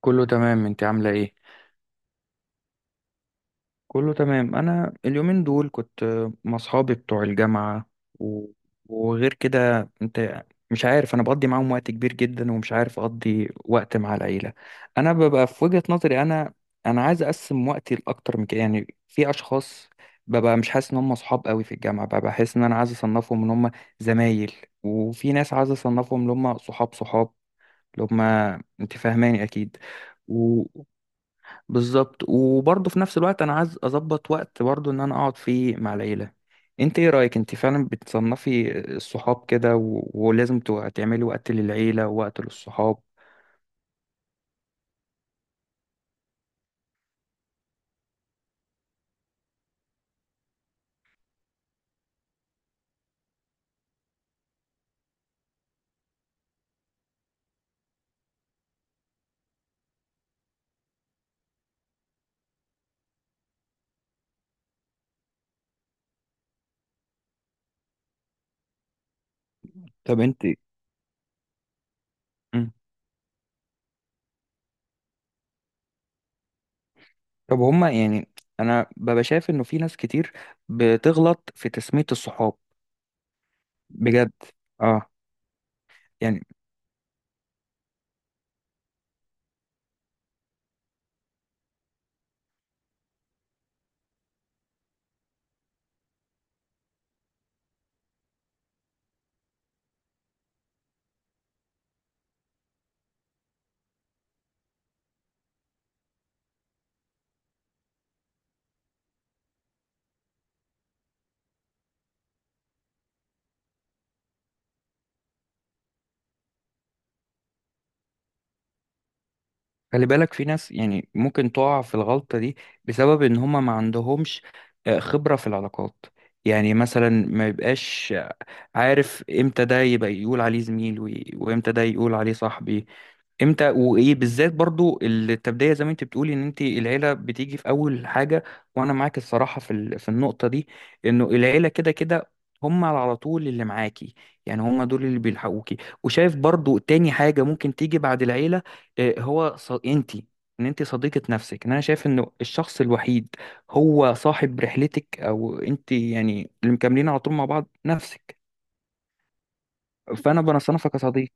كله تمام. انت عاملة ايه؟ كله تمام. انا اليومين دول كنت مع اصحابي بتوع الجامعة و... وغير كده انت. مش عارف، انا بقضي معاهم وقت كبير جدا، ومش عارف اقضي وقت مع العيلة. انا ببقى في وجهة نظري انا عايز اقسم وقتي لاكتر من كده. يعني في اشخاص ببقى مش حاسس ان هم اصحاب قوي في الجامعة، ببقى بحس ان انا عايز اصنفهم ان هم زمايل. وفي ناس عايز اصنفهم ان هم صحاب صحاب، اللي هم، انت فاهماني اكيد. بالظبط. وبرضه في نفس الوقت انا عايز اظبط وقت برضه ان انا اقعد فيه مع العيله. انت ايه رايك؟ انت فعلا بتصنفي الصحاب كده، ولازم تعملي وقت للعيله ووقت للصحاب؟ طب انت. مم. طب هما يعني، انا ببقى شايف انه في ناس كتير بتغلط في تسميه الصحاب. بجد. اه. يعني خلي بالك، في ناس يعني ممكن تقع في الغلطه دي بسبب ان هما ما عندهمش خبره في العلاقات. يعني مثلا ما يبقاش عارف امتى ده يبقى يقول عليه زميل، وامتى ده يقول عليه صاحبي. امتى وايه بالذات؟ برضو التبدية، زي ما انت بتقولي ان انت العيلة بتيجي في اول حاجة. وانا معاك الصراحة في في النقطة دي، انه العيلة كده كده هم على طول اللي معاكي. يعني هم دول اللي بيلحقوكي. وشايف برضو تاني حاجة ممكن تيجي بعد العيلة، انت. ان انت صديقة نفسك، ان انا شايف انه الشخص الوحيد هو صاحب رحلتك، او انت يعني اللي مكملين على طول مع بعض نفسك. فانا بنصنفك كصديق.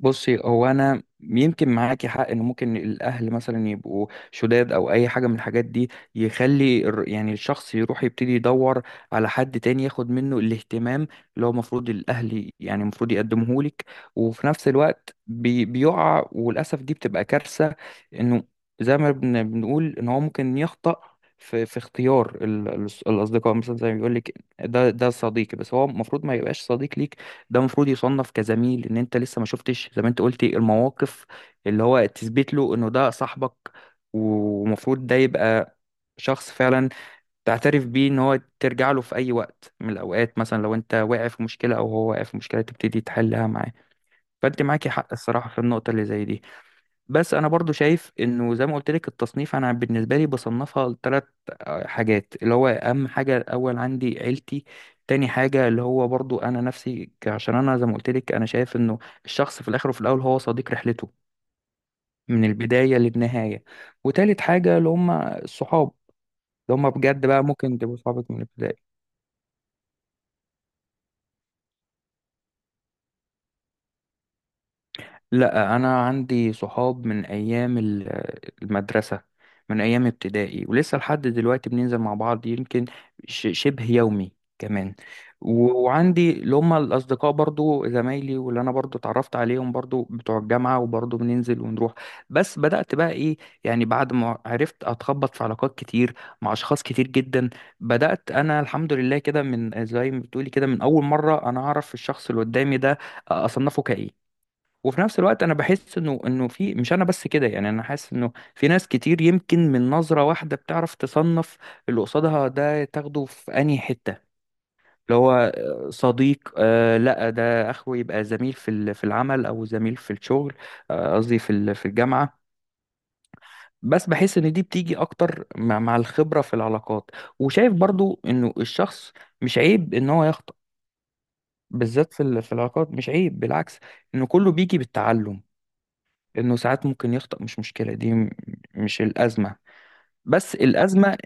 بصي، هو انا يمكن معاكي حق ان ممكن الاهل مثلا يبقوا شداد او اي حاجه من الحاجات دي، يخلي يعني الشخص يروح يبتدي يدور على حد تاني ياخد منه الاهتمام اللي هو المفروض الاهل، يعني المفروض يقدمه لك. وفي نفس الوقت بيقع، وللاسف دي بتبقى كارثه، انه زي ما بنقول ان هو ممكن يخطأ في اختيار الاصدقاء. مثلا زي ما بيقول لك ده صديقي، بس هو المفروض ما يبقاش صديق ليك. ده المفروض يصنف كزميل، ان انت لسه ما شفتش زي ما انت قلتي المواقف اللي هو تثبت له انه ده صاحبك. ومفروض ده يبقى شخص فعلا تعترف بيه ان هو ترجع له في اي وقت من الاوقات، مثلا لو انت واقع في مشكلة او هو واقع في مشكلة تبتدي تحلها معاه. فانت معاكي حق الصراحة في النقطة اللي زي دي. بس انا برضو شايف انه زي ما قلت لك، التصنيف انا بالنسبه لي بصنفها لثلاث حاجات. اللي هو اهم حاجه الاول عندي عيلتي. تاني حاجه اللي هو برضو انا نفسي، عشان انا زي ما قلت لك، انا شايف انه الشخص في الاخر وفي الاول هو صديق رحلته من البدايه للنهايه. وتالت حاجه اللي هم الصحاب، اللي هم بجد بقى ممكن تبقوا صحابك من البدايه. لا، انا عندي صحاب من ايام المدرسه، من ايام ابتدائي، ولسه لحد دلوقتي بننزل مع بعض يمكن شبه يومي كمان. وعندي اللي هم الاصدقاء برضو زمايلي، واللي انا برضو اتعرفت عليهم برضو بتوع الجامعه، وبرضو بننزل ونروح. بس بدات بقى ايه؟ يعني بعد ما عرفت اتخبط في علاقات كتير مع اشخاص كتير جدا، بدات انا الحمد لله كده، من زي ما بتقولي كده، من اول مره انا اعرف الشخص اللي قدامي ده اصنفه كايه. وفي نفس الوقت انا بحس انه في، مش انا بس كده. يعني انا حاسس انه في ناس كتير يمكن من نظرة واحدة بتعرف تصنف اللي قصادها ده تاخده في انهي حتة، اللي هو صديق، لا ده اخوه يبقى زميل في في العمل او زميل في الشغل، قصدي في في الجامعة. بس بحس ان دي بتيجي اكتر مع الخبرة في العلاقات. وشايف برضو انه الشخص مش عيب ان هو يخطأ، بالذات في في العلاقات. مش عيب، بالعكس، انه كله بيجي بالتعلم. انه ساعات ممكن يخطأ، مش مشكلة. دي مش الأزمة. بس الأزمة،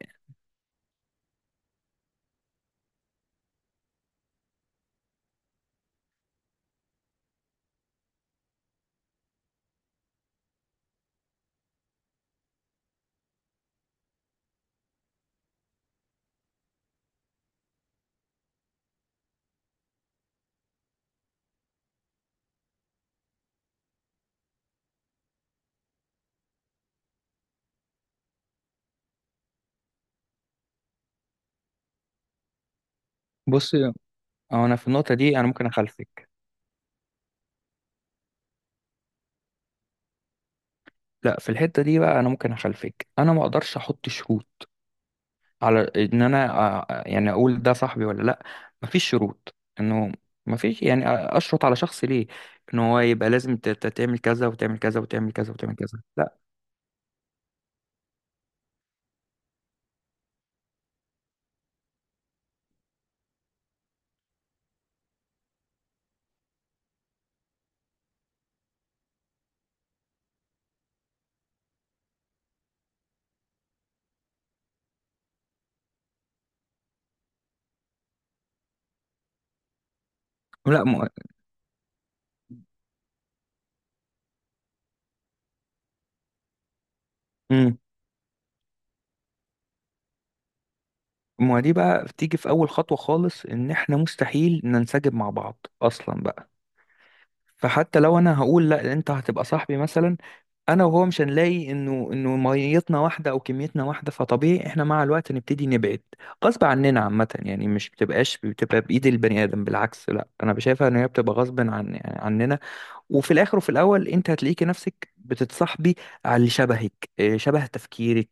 بص، أو انا في النقطة دي انا ممكن اخلفك. لا، في الحتة دي بقى انا ممكن اخلفك. انا ما اقدرش احط شروط على ان انا يعني اقول ده صاحبي ولا لا. مفيش شروط انه، مفيش يعني اشرط على شخص ليه ان هو يبقى لازم تعمل كذا، وتعمل كذا، وتعمل كذا، وتعمل كذا. لا. لا. مم. ما دي بقى بتيجي في اول خطوة خالص، ان احنا مستحيل ننسجم مع بعض اصلا بقى. فحتى لو انا هقول لا، انت هتبقى صاحبي مثلا، انا وهو مش هنلاقي انه ميتنا واحده او كميتنا واحده، فطبيعي احنا مع الوقت نبتدي نبعد غصب عننا. عامه يعني، مش بتبقى بايد البني ادم، بالعكس، لا انا بشايفها ان هي بتبقى غصب عن يعني عننا. وفي الاخر وفي الاول انت هتلاقيكي نفسك بتتصاحبي على اللي شبهك، شبه تفكيرك،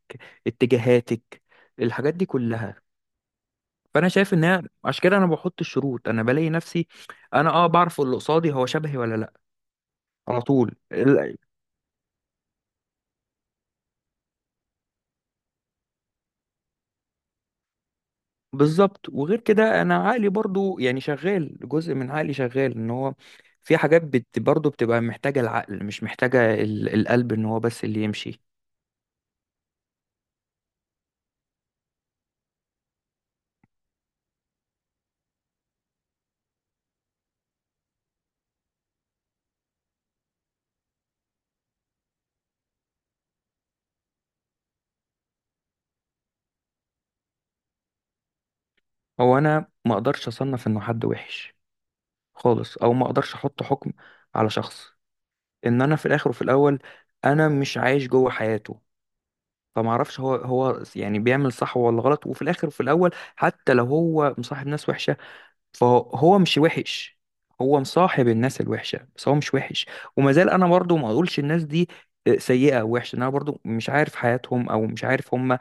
اتجاهاتك، الحاجات دي كلها. فانا شايف ان هي عشان كده انا بحط الشروط، انا بلاقي نفسي، انا بعرف اللي قصادي هو شبهي ولا لا على طول بالظبط. وغير كده انا عقلي برضو يعني شغال، جزء من عقلي شغال ان هو في حاجات برضو بتبقى محتاجة العقل، مش محتاجة القلب ان هو بس اللي يمشي. هو انا ما اقدرش اصنف انه حد وحش خالص، او ما اقدرش احط حكم على شخص، ان انا في الاخر وفي الاول انا مش عايش جوه حياته. فما اعرفش هو يعني بيعمل صح ولا غلط. وفي الاخر وفي الاول، حتى لو هو مصاحب ناس وحشة فهو مش وحش. هو مصاحب الناس الوحشة، بس هو مش وحش. وما زال أنا برضو ما أقولش الناس دي سيئة أو وحشة، إن أنا برضو مش عارف حياتهم أو مش عارف هما.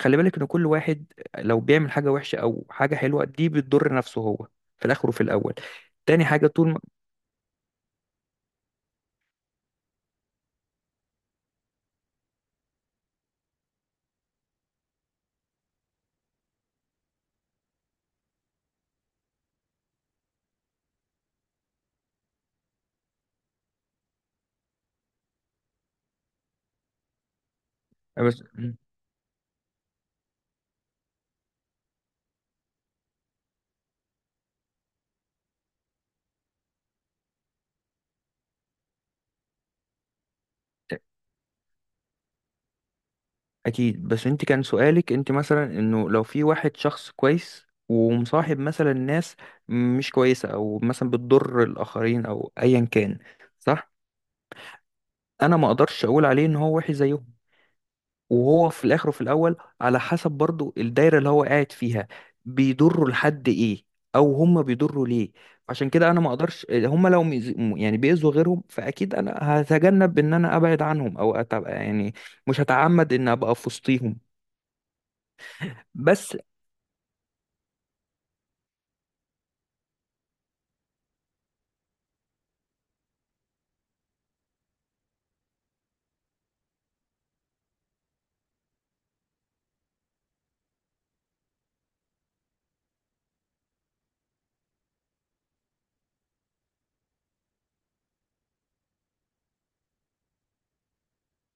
خلي بالك، إن كل واحد لو بيعمل حاجة وحشة أو حاجة حلوة دي بتضر نفسه هو في الآخر وفي الأول. تاني حاجة طول ما بس أكيد، بس أنت كان سؤالك أنت مثلا إنه لو في واحد شخص كويس ومصاحب مثلا ناس مش كويسة أو مثلا بتضر الآخرين أو أيا كان، صح؟ انا ما اقدرش اقول عليه ان هو وحش زيهم. وهو في الاخر وفي الاول، على حسب برضو الدايره اللي هو قاعد فيها بيضروا لحد ايه، او هم بيضروا ليه. عشان كده انا ما اقدرش، هم لو يعني بيأذوا غيرهم، فاكيد انا هتجنب ان انا ابعد عنهم او أتبقى يعني مش هتعمد ان ابقى في وسطيهم. بس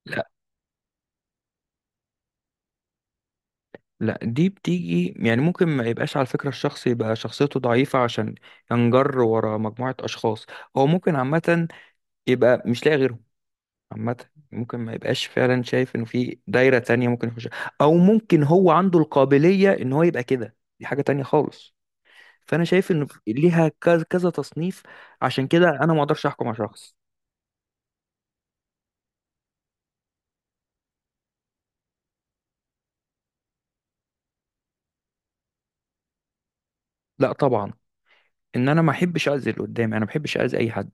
لا، لا دي بتيجي يعني، ممكن ما يبقاش على فكرة الشخص يبقى شخصيته ضعيفة عشان ينجر ورا مجموعة أشخاص. هو ممكن عامة يبقى مش لاقي غيرهم عامة. ممكن ما يبقاش فعلا شايف انه في دايرة تانية ممكن يخش، او ممكن هو عنده القابلية ان هو يبقى كده، دي حاجة تانية خالص. فانا شايف انه ليها كذا كذا تصنيف. عشان كده انا ما اقدرش احكم على شخص. لا طبعا، ان انا ما احبش اذي اللي قدامي، انا ما بحبش اذي اي حد.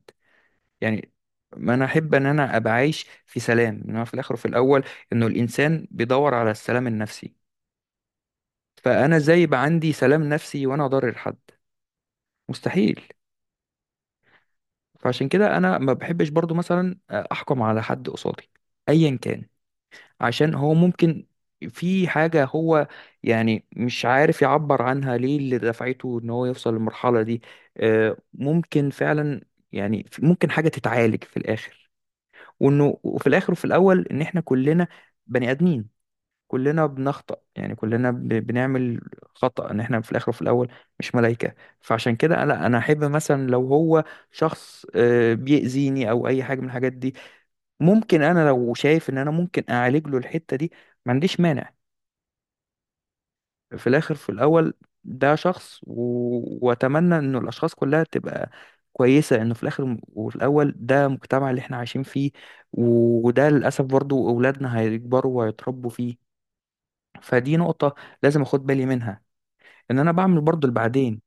يعني ما انا احب ان انا ابقى عايش في سلام. ان هو في الاخر وفي الاول انه الانسان بيدور على السلام النفسي. فانا ازاي يبقى عندي سلام نفسي وانا اضرر حد؟ مستحيل. فعشان كده انا ما بحبش برضو مثلا احكم على حد قصادي ايا كان، عشان هو ممكن في حاجة هو يعني مش عارف يعبر عنها، ليه اللي دفعته ان هو يوصل للمرحلة دي. ممكن فعلا يعني ممكن حاجة تتعالج في الاخر. وانه، وفي الاخر وفي الاول، ان احنا كلنا بني ادمين. كلنا بنخطأ، يعني كلنا بنعمل خطأ، ان احنا في الاخر وفي الاول مش ملائكة. فعشان كده لا، انا احب مثلا لو هو شخص بيأذيني او اي حاجة من الحاجات دي، ممكن انا لو شايف ان انا ممكن اعالج له الحتة دي، ما عنديش مانع. في الاخر في الاول ده شخص، واتمنى انه الاشخاص كلها تبقى كويسة، انه في الاخر وفي الاول ده المجتمع اللي احنا عايشين فيه، وده للاسف برضو اولادنا هيكبروا وهيتربوا فيه. فدي نقطة لازم اخد بالي منها، ان انا بعمل برضو اللي بعدين.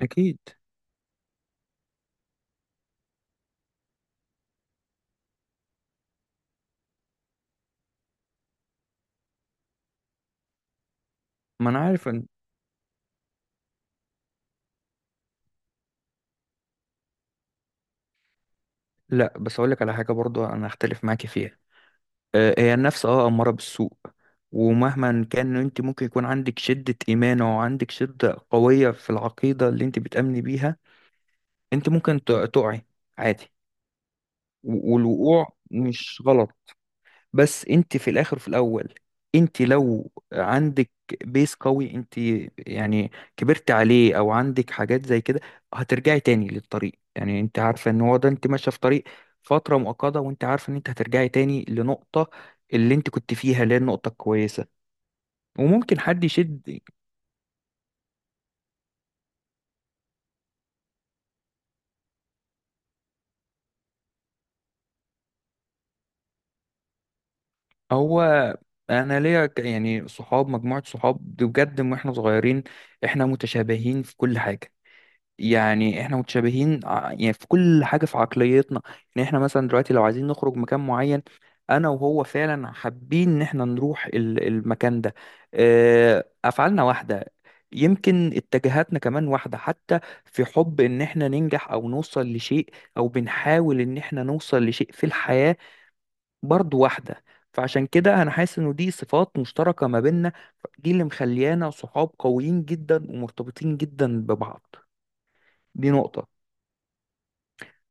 اكيد. ما انا عارف ان، لا بس اقول لك على حاجه، برضو انا هختلف معاكي فيها. هي النفس اماره بالسوء، ومهما كان انت ممكن يكون عندك شده ايمان او عندك شده قويه في العقيده اللي انت بتامني بيها، انت ممكن تقعي عادي. والوقوع مش غلط. بس انت في الاخر وفي الاول، انت لو عندك بيس قوي، انت يعني كبرت عليه او عندك حاجات زي كده، هترجعي تاني للطريق. يعني انت عارفه ان هو ده، انت ماشيه في طريق فتره مؤقته، وانت عارفه ان انت هترجعي تاني لنقطه اللي انت كنت فيها اللي هي النقطه الكويسه، وممكن حد يشد. هو انا ليا يعني صحاب، مجموعه صحاب دي بجد، من واحنا صغيرين احنا متشابهين في كل حاجه. يعني احنا متشابهين يعني في كل حاجة، في عقليتنا. يعني احنا مثلا دلوقتي لو عايزين نخرج مكان معين، انا وهو فعلا حابين ان احنا نروح المكان ده. افعالنا واحدة، يمكن اتجاهاتنا كمان واحدة، حتى في حب ان احنا ننجح او نوصل لشيء. او بنحاول ان احنا نوصل لشيء في الحياة، برضو واحدة. فعشان كده انا حاسس انه دي صفات مشتركة ما بيننا، دي اللي مخليانا صحاب قويين جدا ومرتبطين جدا ببعض. دي نقطة.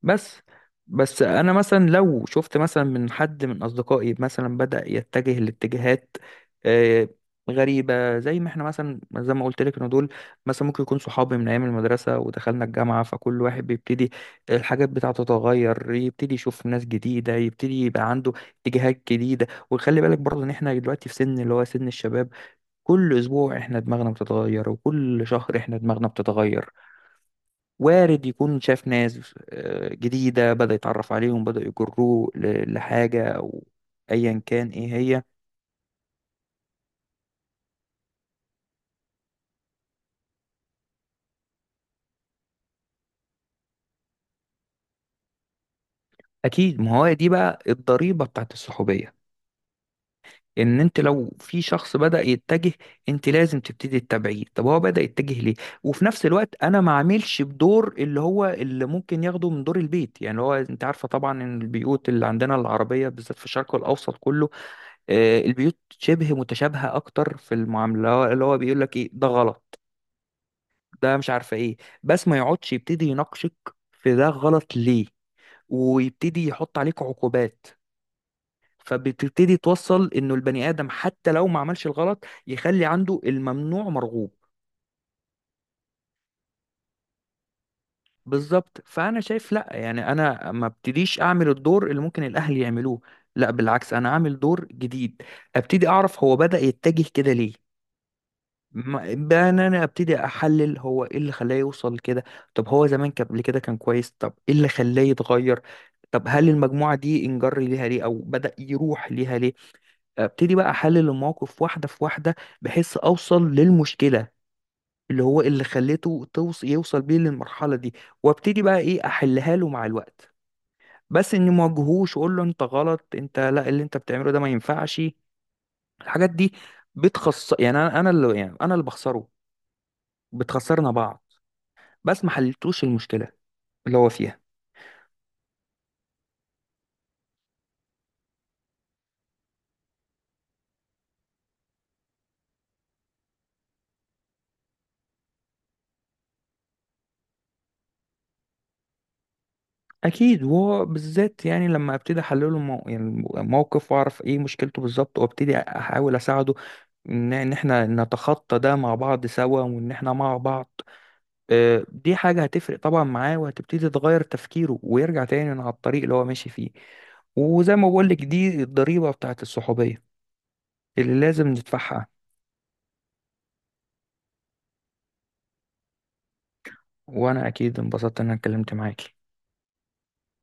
بس، بس انا مثلا لو شفت مثلا من حد من اصدقائي مثلا بدأ يتجه لاتجاهات آه، غريبة، زي ما احنا مثلا، زي ما قلت لك، ان دول مثلا ممكن يكون صحابي من ايام المدرسة، ودخلنا الجامعة فكل واحد بيبتدي الحاجات بتاعته تتغير، يبتدي يشوف ناس جديدة، يبتدي يبقى عنده اتجاهات جديدة. وخلي بالك برضه ان احنا دلوقتي في سن اللي هو سن الشباب. كل اسبوع احنا دماغنا بتتغير، وكل شهر احنا دماغنا بتتغير. وارد يكون شاف ناس جديدة، بدأ يتعرف عليهم، بدأ يجروه لحاجة أو أيا كان إيه هي. أكيد، ما هو دي بقى الضريبة بتاعت الصحوبية. إن أنت لو في شخص بدأ يتجه، أنت لازم تبتدي تتابعيه، طب هو بدأ يتجه ليه. وفي نفس الوقت أنا ما عاملش بدور اللي هو اللي ممكن ياخده من دور البيت، يعني اللي هو أنت عارفة طبعا إن البيوت اللي عندنا العربية بالذات في الشرق الأوسط كله البيوت شبه متشابهة أكتر في المعاملة، اللي هو بيقول لك إيه ده غلط، ده مش عارفه ايه، بس ما يقعدش يبتدي يناقشك في ده غلط ليه، ويبتدي يحط عليك عقوبات. فبتبتدي توصل انه البني ادم حتى لو ما عملش الغلط يخلي عنده الممنوع مرغوب. بالظبط. فانا شايف لا، يعني انا ما ابتديش اعمل الدور اللي ممكن الاهل يعملوه، لا بالعكس، انا اعمل دور جديد. ابتدي اعرف هو بدأ يتجه كده ليه، بقى ان انا ابتدي احلل هو ايه اللي خلاه يوصل كده. طب هو زمان كان قبل كده كان كويس، طب ايه اللي خلاه يتغير؟ طب هل المجموعة دي انجر ليها ليه او بدأ يروح ليها ليه؟ ابتدي بقى احلل المواقف واحدة في واحدة، بحيث اوصل للمشكلة اللي هو اللي خليته يوصل بيه للمرحلة دي. وابتدي بقى ايه، احلها له مع الوقت. بس اني ما اواجهوش واقول له انت غلط، انت لا، اللي انت بتعمله ده ما ينفعش. الحاجات دي بتخص، يعني انا اللي، يعني انا اللي بخسره، بتخسرنا بعض، بس ما حلتوش المشكله اللي هو فيها. اكيد، وهو بالذات يعني لما ابتدي احلله يعني موقف، واعرف ايه مشكلته بالظبط، وابتدي احاول اساعده ان احنا نتخطى ده مع بعض سوا، وان احنا مع بعض، دي حاجه هتفرق طبعا معاه، وهتبتدي تغير تفكيره، ويرجع تاني على الطريق اللي هو ماشي فيه. وزي ما بقول لك، دي الضريبه بتاعت الصحوبيه اللي لازم ندفعها. وانا اكيد انبسطت ان انا اتكلمت معاكي.